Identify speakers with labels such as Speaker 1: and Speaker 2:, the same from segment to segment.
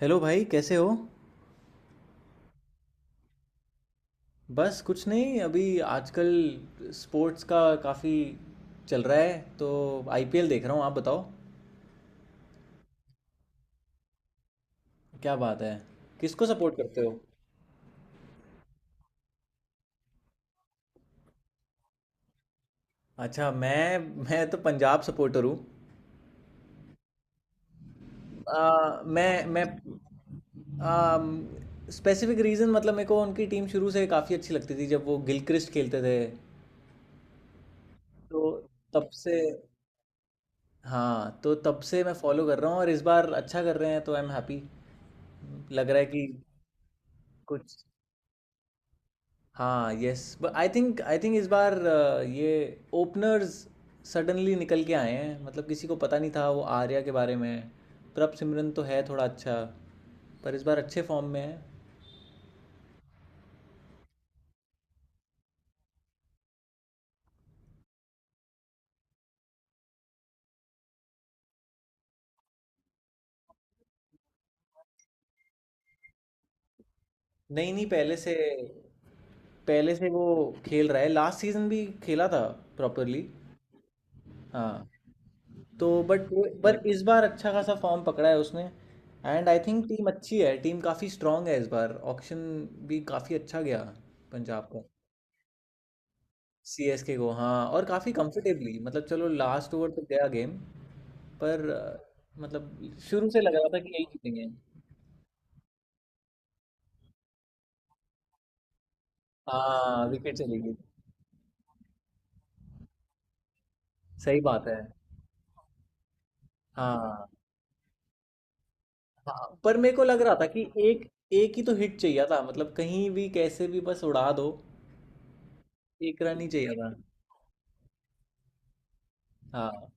Speaker 1: Hello भाई कैसे हो। बस कुछ नहीं अभी आजकल स्पोर्ट्स का काफ़ी चल रहा है तो आईपीएल देख रहा हूँ। आप बताओ। क्या बात है, किसको सपोर्ट करते हो। अच्छा, मैं तो पंजाब सपोर्टर हूँ। आ, मैं स्पेसिफिक रीज़न मतलब मेरे को उनकी टीम शुरू से काफ़ी अच्छी लगती थी जब वो गिलक्रिस्ट खेलते थे। तो तब से, हाँ तो तब से मैं फॉलो कर रहा हूँ और इस बार अच्छा कर रहे हैं तो आई एम हैप्पी। लग रहा है कि कुछ, हाँ यस बट आई थिंक इस बार ये ओपनर्स सडनली निकल के आए हैं, मतलब किसी को पता नहीं था वो आर्या के बारे में। प्रभ सिमरन तो है थोड़ा अच्छा, पर इस बार अच्छे फॉर्म में है। नहीं नहीं, पहले से, पहले से वो खेल रहा है, लास्ट सीजन भी खेला था प्रॉपरली। हाँ तो बट पर इस बार अच्छा खासा फॉर्म पकड़ा है उसने। एंड आई थिंक टीम अच्छी है, टीम काफ़ी स्ट्रांग है, इस बार ऑक्शन भी काफ़ी अच्छा गया पंजाब। सीएसके को, हाँ, और काफ़ी कंफर्टेबली, मतलब चलो लास्ट ओवर तक गया गेम, पर मतलब शुरू से लग रहा था कि यही जीतेंगे। हाँ विकेट चली गई। सही बात है। हाँ हाँ पर मेरे को लग रहा था कि एक एक ही तो हिट चाहिए था, मतलब कहीं भी कैसे भी बस उड़ा दो, एक रन ही चाहिए था। हाँ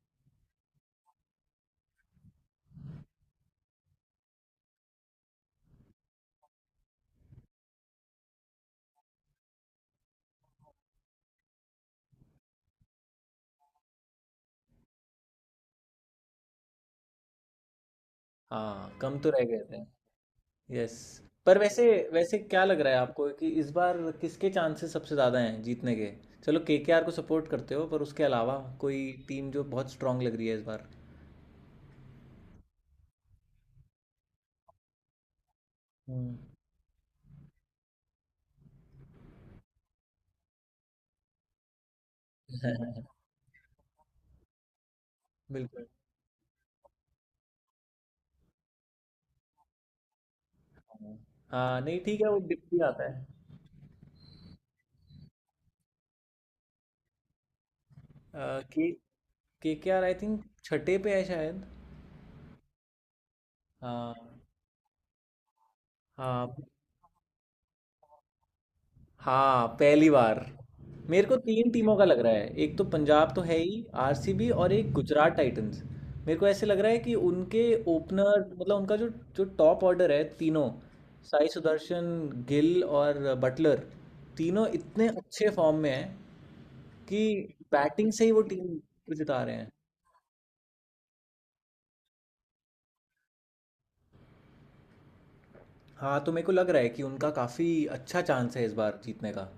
Speaker 1: हाँ, कम तो रह गए थे। यस। पर वैसे, वैसे क्या लग रहा है आपको कि इस बार किसके चांसेस सबसे ज़्यादा हैं जीतने के। चलो केकेआर को सपोर्ट करते हो, पर उसके अलावा कोई टीम जो बहुत स्ट्रांग लग रही है इस बार। हम्म। बिल्कुल। हाँ नहीं ठीक है, वो डिप भी आता है। के केकेआर आई थिंक छठे पे है शायद। हाँ। हाँ, हाँ पहली बार। मेरे को तीन टीमों का लग रहा है, एक तो पंजाब तो है ही, आरसीबी और एक गुजरात टाइटंस। मेरे को ऐसे लग रहा है कि उनके ओपनर, मतलब उनका जो जो टॉप ऑर्डर है, तीनों साई सुदर्शन, गिल और बटलर, तीनों इतने अच्छे फॉर्म में हैं कि बैटिंग से ही वो टीम को जिता रहे हैं। हाँ, तो मेरे को लग रहा है कि उनका काफ़ी अच्छा चांस है इस बार जीतने का।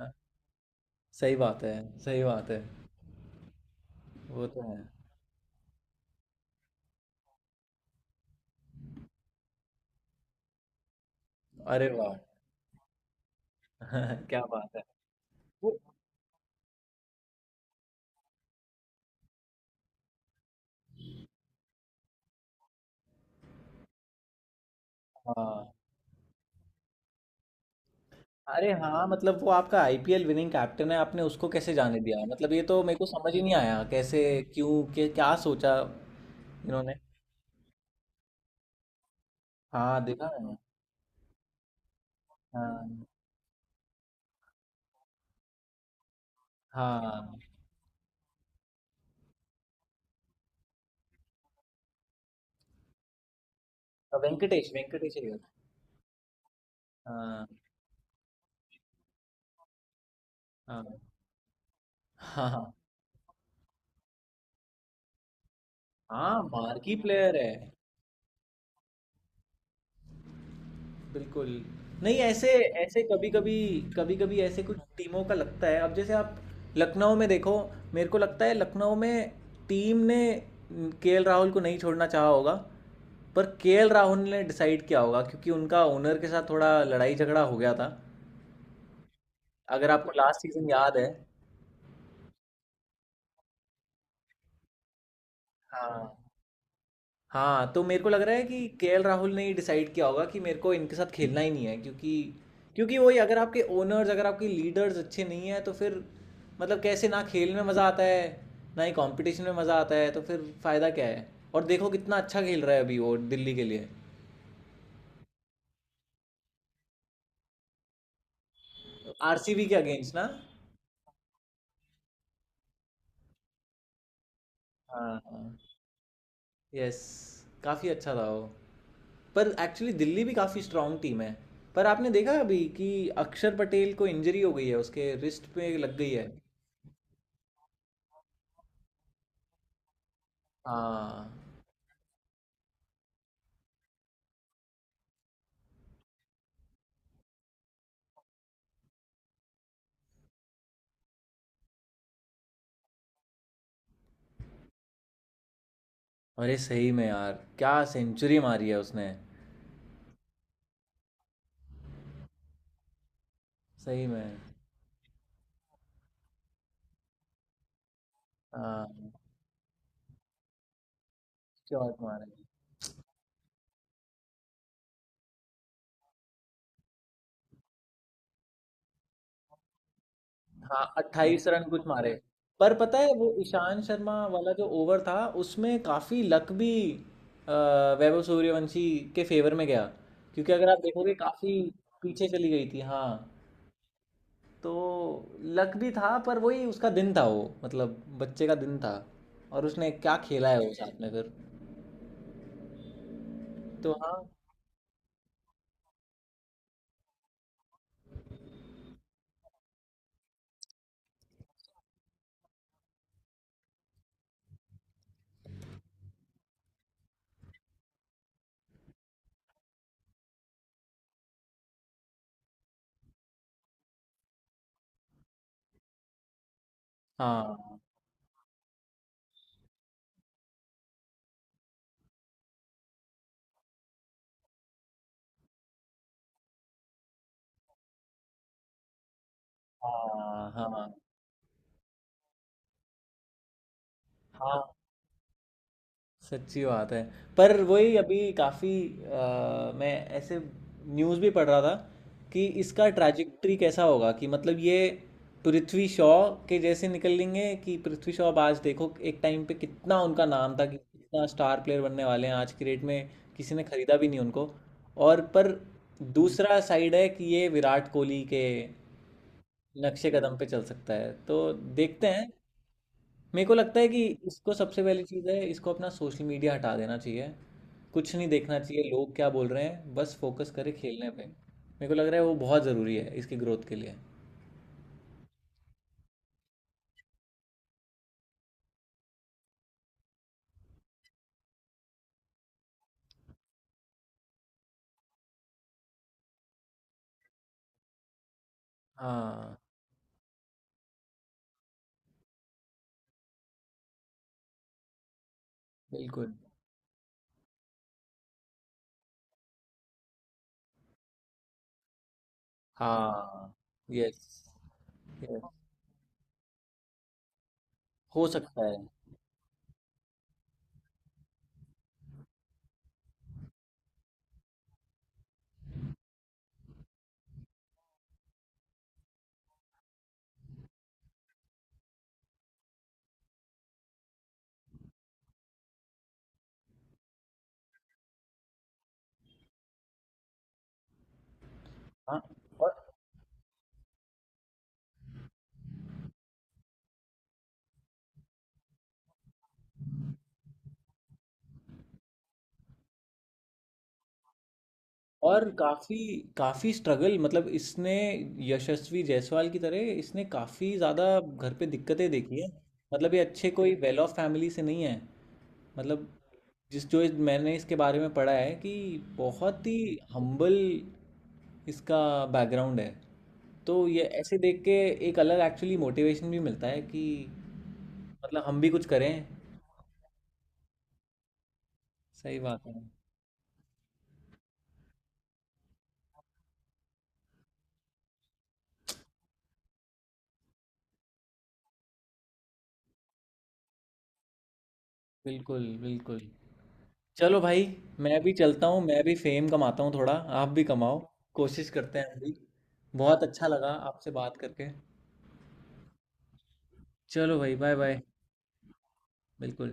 Speaker 1: हाँ, सही बात है, सही बात है। वो तो है। अरे वाह, क्या बात है। वो, हाँ, अरे हाँ मतलब वो आपका आईपीएल विनिंग कैप्टन है, आपने उसको कैसे जाने दिया, मतलब ये तो मेरे को समझ ही नहीं आया कैसे। क्यों, क्या क्या सोचा इन्होंने। हाँ देखा मैंने। हाँ हाँ, वेंकटेश वेंकटेश अय्यर। हाँ हाँ। हाँ हाँ हाँ, बाहर की प्लेयर है। बिल्कुल, नहीं ऐसे, ऐसे कभी-कभी, कभी-कभी ऐसे कुछ टीमों का लगता है। अब जैसे आप लखनऊ में देखो, मेरे को लगता है लखनऊ में टीम ने केएल राहुल को नहीं छोड़ना चाहा होगा, पर केएल राहुल ने डिसाइड किया होगा क्योंकि उनका ओनर के साथ थोड़ा लड़ाई-झगड़ा हो गया था। अगर आपको लास्ट सीज़न याद है। हाँ। हाँ, तो मेरे को लग रहा है कि केएल राहुल ने ही डिसाइड किया होगा कि मेरे को इनके साथ खेलना ही नहीं है, क्योंकि क्योंकि वही अगर आपके ओनर्स, अगर आपके लीडर्स अच्छे नहीं हैं तो फिर, मतलब कैसे ना खेल में मज़ा आता है ना ही कंपटीशन में मज़ा आता है, तो फिर फ़ायदा क्या है। और देखो कितना अच्छा खेल रहा है अभी वो दिल्ली के लिए, आरसीबी के अगेंस्ट ना। हाँ हाँ। यस, काफ़ी अच्छा था वो। पर एक्चुअली दिल्ली भी काफ़ी स्ट्रांग टीम है। पर आपने देखा अभी कि अक्षर पटेल को इंजरी हो गई है, उसके रिस्ट पे लग गई है। हाँ। अरे सही में यार, क्या सेंचुरी मारी है उसने। सही में। हाँ शॉट मारे। हाँ 28 रन कुछ मारे। पर पता है वो ईशान शर्मा वाला जो ओवर था, उसमें काफी लक भी अ, वैभव सूर्यवंशी के फेवर में गया, क्योंकि अगर आप देखोगे काफी पीछे चली गई थी। हाँ तो लक भी था, पर वही उसका दिन था, वो मतलब बच्चे का दिन था, और उसने क्या खेला है वो साथ में फिर। तो हाँ। हाँ हाँ हाँ हाँ, सच्ची बात है। पर वही अभी काफ़ी, मैं ऐसे न्यूज़ भी पढ़ रहा था कि इसका ट्रैजेक्टरी कैसा होगा, कि मतलब ये पृथ्वी शॉ के जैसे निकलेंगे, कि पृथ्वी शॉ अब आज देखो एक टाइम पे कितना उनका नाम था कि कितना स्टार प्लेयर बनने वाले हैं, आज की डेट में किसी ने खरीदा भी नहीं उनको, और पर दूसरा साइड है कि ये विराट कोहली के नक्शे कदम पे चल सकता है, तो देखते हैं। मेरे को लगता है कि इसको सबसे पहली चीज़ है, इसको अपना सोशल मीडिया हटा देना चाहिए, कुछ नहीं देखना चाहिए लोग क्या बोल रहे हैं, बस फोकस करें खेलने पे। मेरे को लग रहा है वो बहुत ज़रूरी है इसकी ग्रोथ के लिए। हाँ बिल्कुल। हाँ। यस, हो सकता है। हाँ। और काफ़ी काफ़ी स्ट्रगल मतलब इसने, यशस्वी जायसवाल की तरह इसने काफ़ी ज़्यादा घर पे दिक्कतें देखी है, मतलब ये अच्छे कोई वेल ऑफ फैमिली से नहीं है। मतलब मैंने इसके बारे में पढ़ा है कि बहुत ही हम्बल इसका बैकग्राउंड है। तो ये ऐसे देख के एक अलग एक्चुअली मोटिवेशन भी मिलता है कि मतलब हम भी कुछ करें। सही बात है। बिल्कुल बिल्कुल। चलो भाई मैं भी चलता हूँ, मैं भी फेम कमाता हूँ थोड़ा, आप भी कमाओ। कोशिश करते हैं हम भी। बहुत अच्छा लगा आपसे बात करके। चलो भाई, बाय बाय। बिल्कुल।